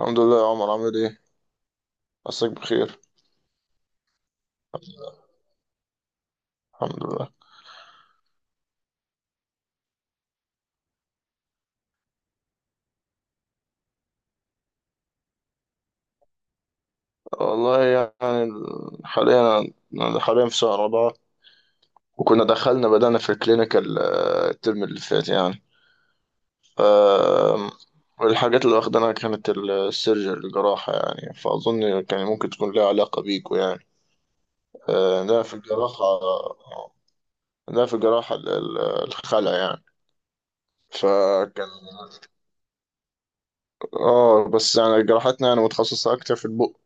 الحمد لله يا عمر، عامل ايه؟ مساك بخير. الحمد لله. والله يعني، ال- حاليا أنا حاليا في سنة رابعة. وكنا بدأنا في الكلينيكال، الترم اللي فات يعني. آم، والحاجات اللي واخدناها كانت السيرجري، الجراحة يعني، فأظن كان ممكن تكون لها علاقة بيكو يعني. آه، ده في الجراحة ده في الجراحة، الخلع يعني. فكان، اه بس يعني جراحتنا يعني متخصصة أكتر في البق.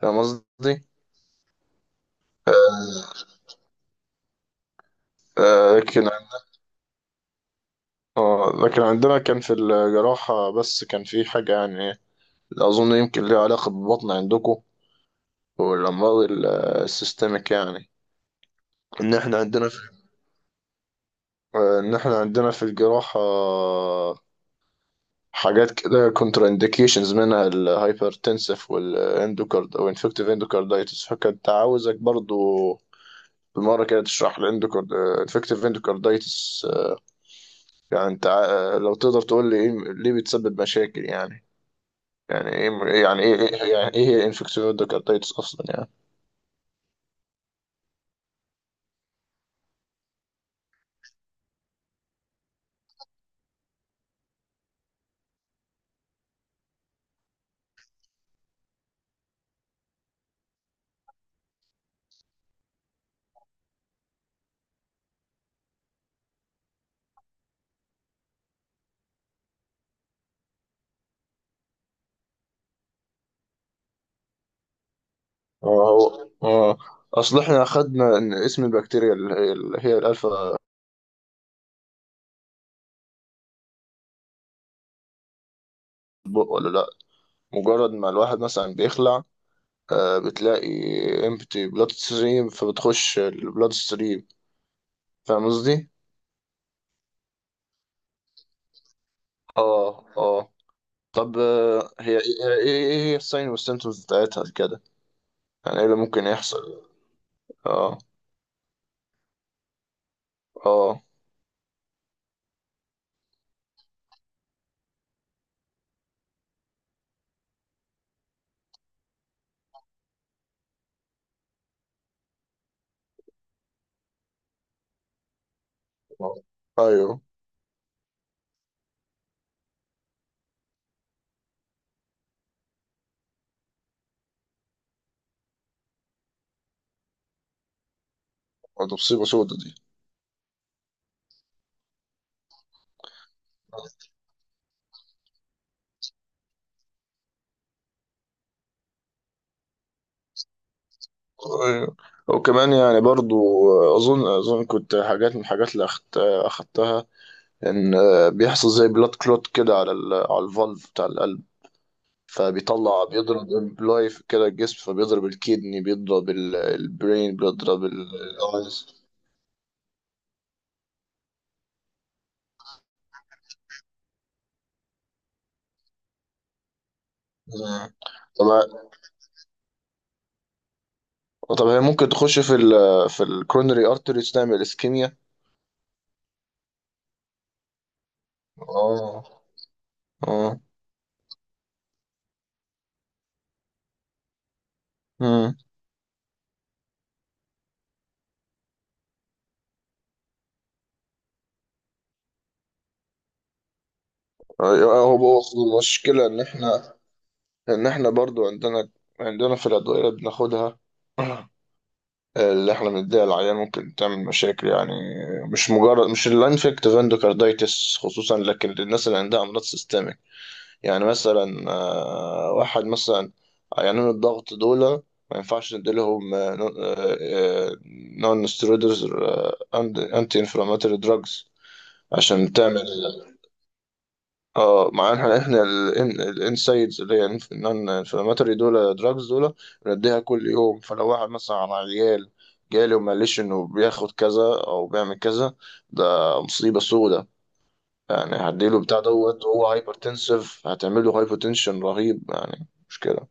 فاهم قصدي؟ آه. لكن، اه لكن عندنا كان في الجراحة بس كان في حاجة يعني، أظن يمكن ليها علاقة بالبطن عندكم، والأمراض السيستميك يعني. إن إحنا عندنا في إن إحنا عندنا في الجراحة حاجات كده كونترا إنديكيشنز، منها الهايبرتنسف والإندوكارد أو إنفكتيف إندوكاردايتس. فكنت عاوزك برضو بالمرة كده تشرح إنفكتيف إندوكاردايتس يعني. أنت، لو تقدر تقول لي إيه ليه بتسبب مشاكل يعني. يعني ايه، يعني ايه انفكسيود كارتايتس اصلا يعني؟ هو اه. اصل احنا اخدنا ان اسم البكتيريا اللي هي الالفا، بق ولا لا. مجرد ما الواحد مثلا بيخلع، آه بتلاقي امبتي بلاد ستريم، فبتخش البلاد ستريم. فاهم قصدي؟ اه اه. طب، ايه ايه إيه هي الساين والسيمتومز بتاعتها كده؟ يعني ايه اللي ممكن يحصل؟ اه. اه. آه. ايوه. ده مصيبة سودا دي. أيوة. وكمان يعني برضو، اظن كنت حاجات من الحاجات اللي اخدتها، ان بيحصل زي بلاد كلوت كده على على الفالف بتاع القلب. فبيطلع بيضرب امبلايف كده الجسم، فبيضرب الكدني، بيضرب البرين، بيضرب الايز. طب، هي ممكن تخش في في الكورونري ارتريز، تعمل اسكيميا. اه. اه. مم. هو هو المشكلة إن إحنا، لأن إحنا برضو عندنا، عندنا في الأدوية اللي بناخدها اللي إحنا بنديها للعيان ممكن تعمل مشاكل يعني. مش الانفكتيف اندوكاردايتس خصوصا، لكن للناس اللي عندها أمراض سيستميك. يعني مثلا، واحد مثلا، عيانين الضغط دول ما ينفعش نديلهم نون ستيرويدز انتي انفلاماتوري دراجز عشان تعمل. اه، معناها احنا الانسايدز اللي هي الانفلاماتوري دول دراجز دول بنديها كل يوم. فلو واحد مثلا على عيال جالي وما قاليش انه بياخد كذا او بيعمل كذا، ده مصيبه سودة يعني. هديله بتاع دوت وهو هايبر تنسيف، هتعمل له هايبر تنشن رهيب يعني، مش كده؟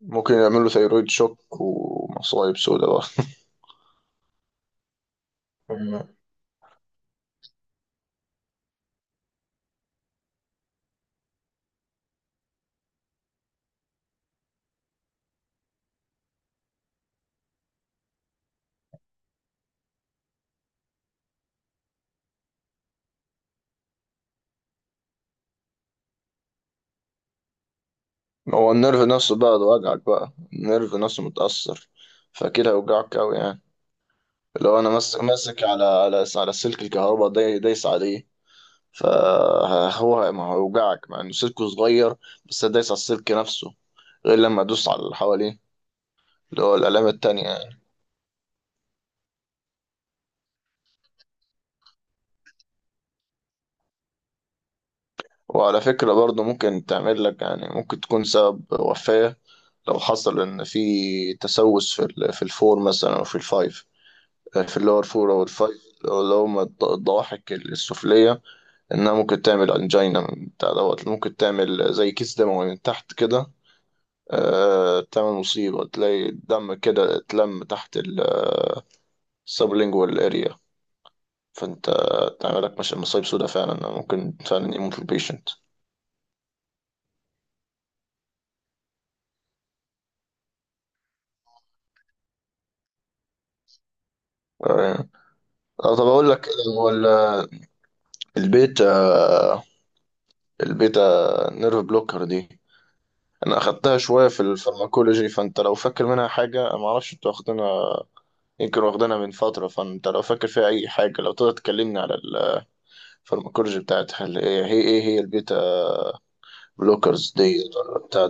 ممكن يعمل له ثيرويد شوك ومصايب سودة بقى. مم. هو النيرف نفسه بقى، ده وجعك بقى النيرف نفسه متأثر، فكده هيوجعك أوي يعني. اللي هو انا ماسك على على سلك الكهرباء، دايس عليه، فهو ما هيوجعك مع انه سلكه صغير، بس دايس على السلك نفسه، غير لما ادوس على اللي حواليه، اللي هو الآلام التانية يعني. وعلى فكرة برضه ممكن تعمل لك يعني، ممكن تكون سبب وفاة لو حصل إن في تسوس في في الفور مثلا أو في الفايف، في اللور فور أو الفايف اللي هما الضواحك السفلية، إنها ممكن تعمل أنجينا من بتاع دوت، ممكن تعمل زي كيس دموي من تحت كده، تعمل مصيبة، تلاقي الدم كده اتلم تحت السبلينجوال اريا. فانت تعمل لك مش مصايب سودا، فعلا ممكن فعلا يموت البيشنت. آه. طب اقول لك، هو ال- البيتا البيتا نيرف بلوكر دي انا اخدتها شوية في الفارماكولوجي، فانت لو فاكر منها حاجة، ما اعرفش انت واخدينها، يمكن واخدينها من فترة. فانت لو فاكر فيها اي حاجة لو تقدر تكلمني على الفارماكولوجي بتاعتها، اللي هي ايه، هي البيتا بلوكرز دي ولا بتاع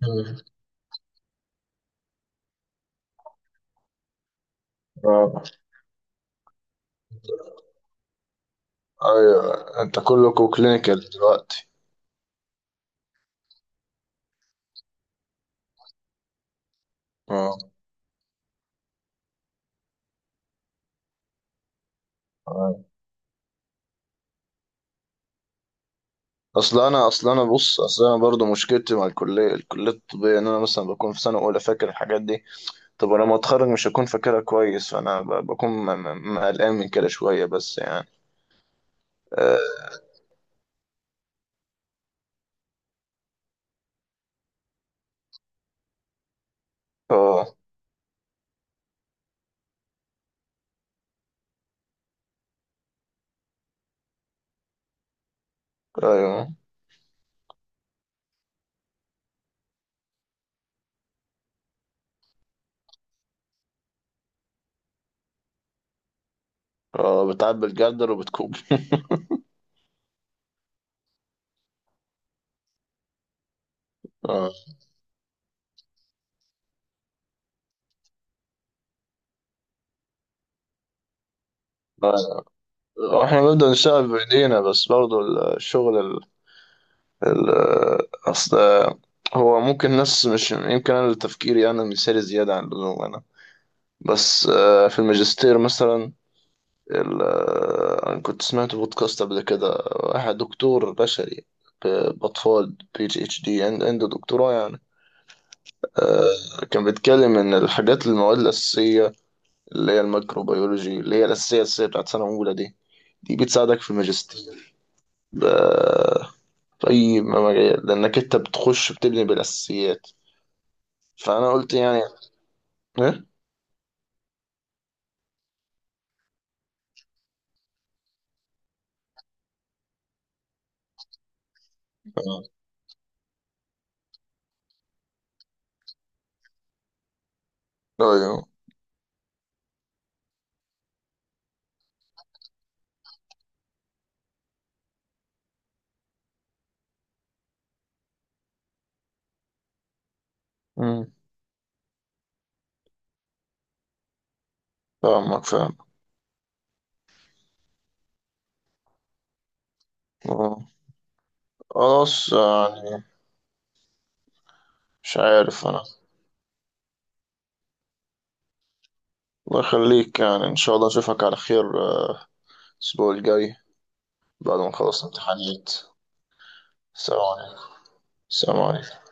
دي؟ اه. ايوه انت كلكوا كلينيكال دلوقتي. اه. آه. اصل انا برضه مشكلتي مع الكليه الطبيه، ان انا مثلا بكون في سنه اولى فاكر الحاجات دي. طب انا لما اتخرج مش هكون فاكرها كويس، فانا بكون قلقان من كده شويه، بس يعني. اه. آه. ايوه. اه، بتعبي الجردل وبتكوب. اه. آه. احنا بنبدا نشتغل بايدينا، بس برضه الشغل، ال- اصل هو ممكن ناس، مش يمكن انا تفكيري انا مثالي زياده عن اللزوم انا، بس في الماجستير مثلا، انا كنت سمعت بودكاست قبل كده واحد دكتور بشري، باطفال PhD عنده دكتوراه يعني. كان بيتكلم ان المواد الاساسيه اللي هي الميكروبيولوجي، اللي هي الاساسيه بتاعت سنه اولى دي، دي بتساعدك في الماجستير، ب- في اي مجال، لانك انت بتخش بتبني بالاساسيات. فانا قلت يعني ايه. آه. ايوه. أمم. فاهمك، فاهم. آه. خلاص يعني، مش عارف انا. الله يخليك، يعني ان شاء الله اشوفك على خير، آه، الاسبوع الجاي بعد ما نخلص امتحانات. سلام عليكم. سلام عليكم.